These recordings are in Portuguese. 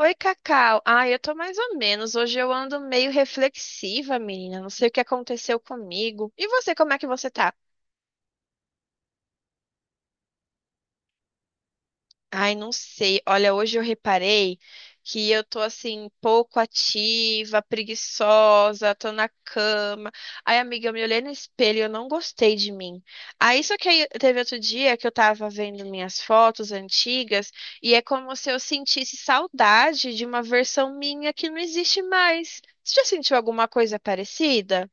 Oi, Cacau. Ah, eu tô mais ou menos. Hoje eu ando meio reflexiva, menina. Não sei o que aconteceu comigo. E você, como é que você tá? Ai, não sei. Olha, hoje eu reparei que eu tô assim, pouco ativa, preguiçosa, tô na cama. Ai, amiga, eu me olhei no espelho e eu não gostei de mim. Aí só que aí teve outro dia que eu tava vendo minhas fotos antigas e é como se eu sentisse saudade de uma versão minha que não existe mais. Você já sentiu alguma coisa parecida?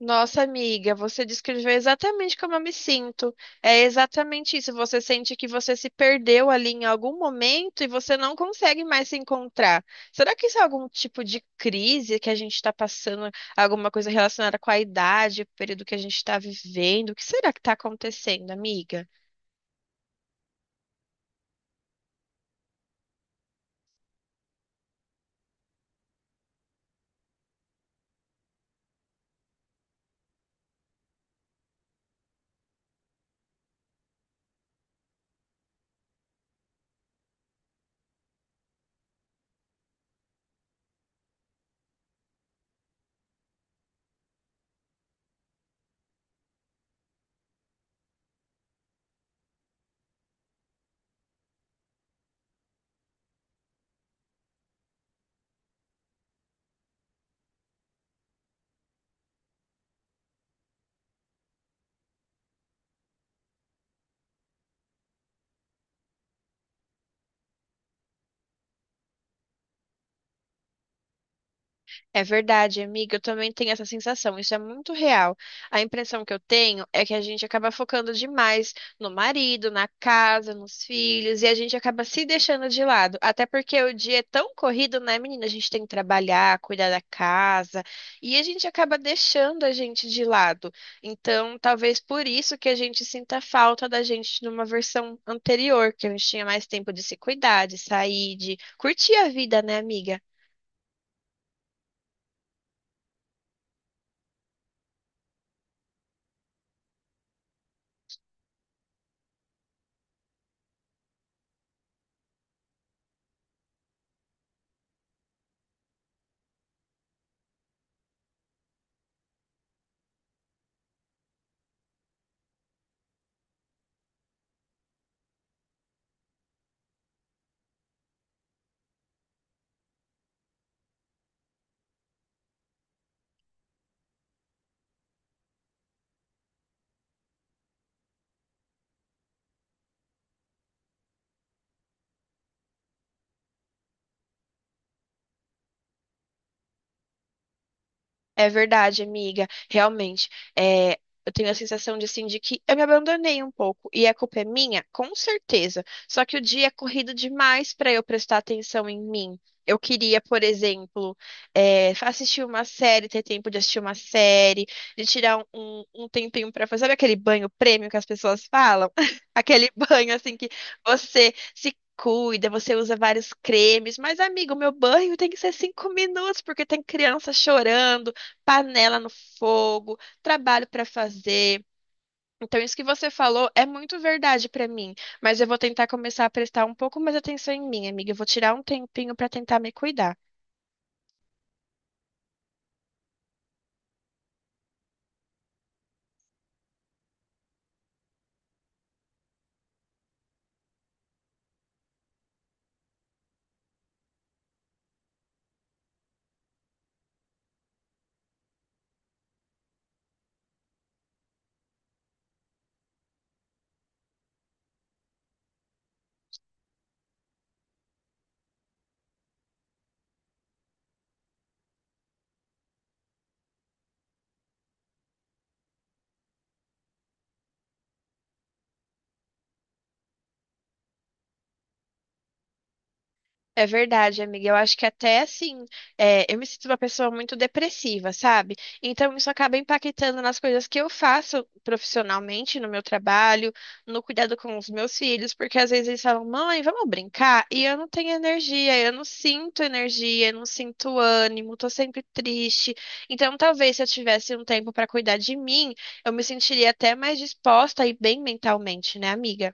Nossa, amiga, você descreveu exatamente como eu me sinto. É exatamente isso. Você sente que você se perdeu ali em algum momento e você não consegue mais se encontrar. Será que isso é algum tipo de crise que a gente está passando? Alguma coisa relacionada com a idade, o período que a gente está vivendo? O que será que está acontecendo, amiga? É verdade, amiga. Eu também tenho essa sensação. Isso é muito real. A impressão que eu tenho é que a gente acaba focando demais no marido, na casa, nos filhos, e a gente acaba se deixando de lado. Até porque o dia é tão corrido, né, menina? A gente tem que trabalhar, cuidar da casa, e a gente acaba deixando a gente de lado. Então, talvez por isso que a gente sinta falta da gente numa versão anterior, que a gente tinha mais tempo de se cuidar, de sair, de curtir a vida, né, amiga? É verdade, amiga. Realmente, é, eu tenho a sensação de, assim, de que eu me abandonei um pouco. E a culpa é minha? Com certeza. Só que o dia é corrido demais para eu prestar atenção em mim. Eu queria, por exemplo, assistir uma série, ter tempo de assistir uma série, de tirar um tempinho para fazer. Sabe aquele banho prêmio que as pessoas falam? Aquele banho, assim, que você se cuida, você usa vários cremes. Mas, amigo, meu banho tem que ser 5 minutos, porque tem criança chorando panela no fogo, trabalho para fazer. Então, isso que você falou é muito verdade para mim, mas eu vou tentar começar a prestar um pouco mais atenção em mim, amiga. Eu vou tirar um tempinho para tentar me cuidar. É verdade, amiga. Eu acho que até assim, eu me sinto uma pessoa muito depressiva, sabe? Então isso acaba impactando nas coisas que eu faço profissionalmente, no meu trabalho, no cuidado com os meus filhos, porque às vezes eles falam, mãe, vamos brincar? E eu não tenho energia, eu não sinto energia, eu não sinto ânimo, tô sempre triste. Então talvez se eu tivesse um tempo para cuidar de mim, eu me sentiria até mais disposta e bem mentalmente, né, amiga?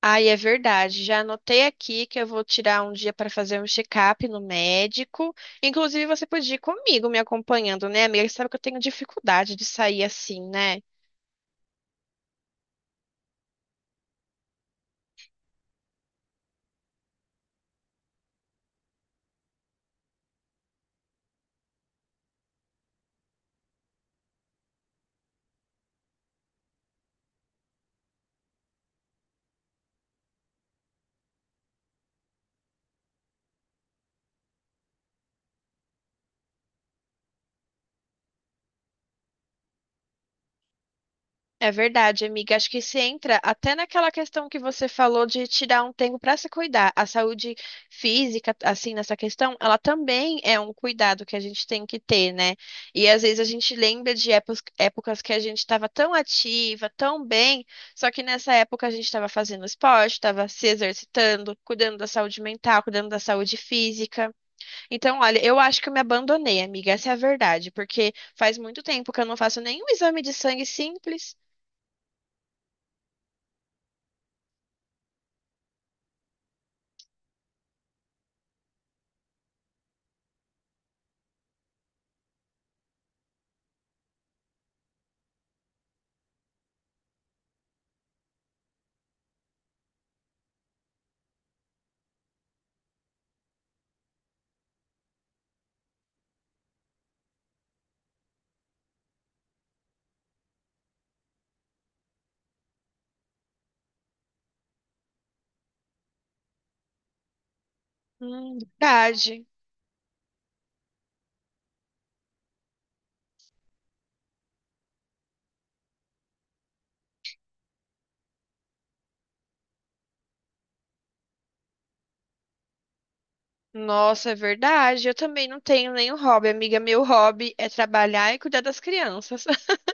Ai, é verdade. Já anotei aqui que eu vou tirar um dia para fazer um check-up no médico. Inclusive, você podia ir comigo me acompanhando, né, amiga? Você sabe que eu tenho dificuldade de sair assim, né? É verdade, amiga. Acho que se entra até naquela questão que você falou de tirar um tempo para se cuidar. A saúde física, assim, nessa questão, ela também é um cuidado que a gente tem que ter, né? E às vezes a gente lembra de épocas que a gente estava tão ativa, tão bem, só que nessa época a gente estava fazendo esporte, estava se exercitando, cuidando da saúde mental, cuidando da saúde física. Então, olha, eu acho que eu me abandonei, amiga. Essa é a verdade, porque faz muito tempo que eu não faço nenhum exame de sangue simples. Verdade. Nossa, é verdade. Eu também não tenho nenhum hobby, amiga. Meu hobby é trabalhar e cuidar das crianças.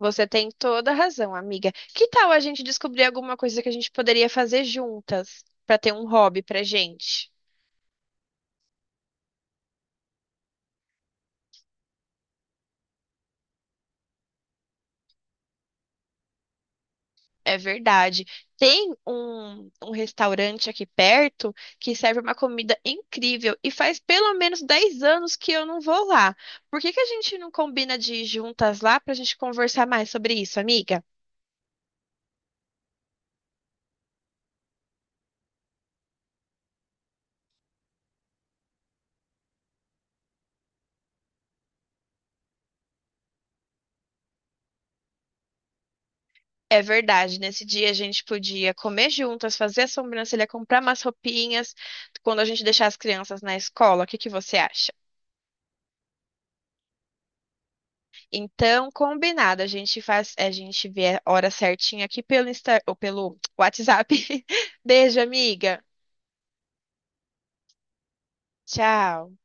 Você tem toda a razão, amiga. Que tal a gente descobrir alguma coisa que a gente poderia fazer juntas para ter um hobby pra gente? É verdade. Tem um restaurante aqui perto que serve uma comida incrível e faz pelo menos 10 anos que eu não vou lá. Por que que a gente não combina de ir juntas lá pra gente conversar mais sobre isso, amiga? É verdade, nesse dia a gente podia comer juntas, fazer a sobrancelha, comprar umas roupinhas, quando a gente deixar as crianças na escola, o que que você acha? Então, combinado, a gente faz, a gente vê a hora certinha aqui pelo Insta, ou pelo WhatsApp. Beijo, amiga. Tchau.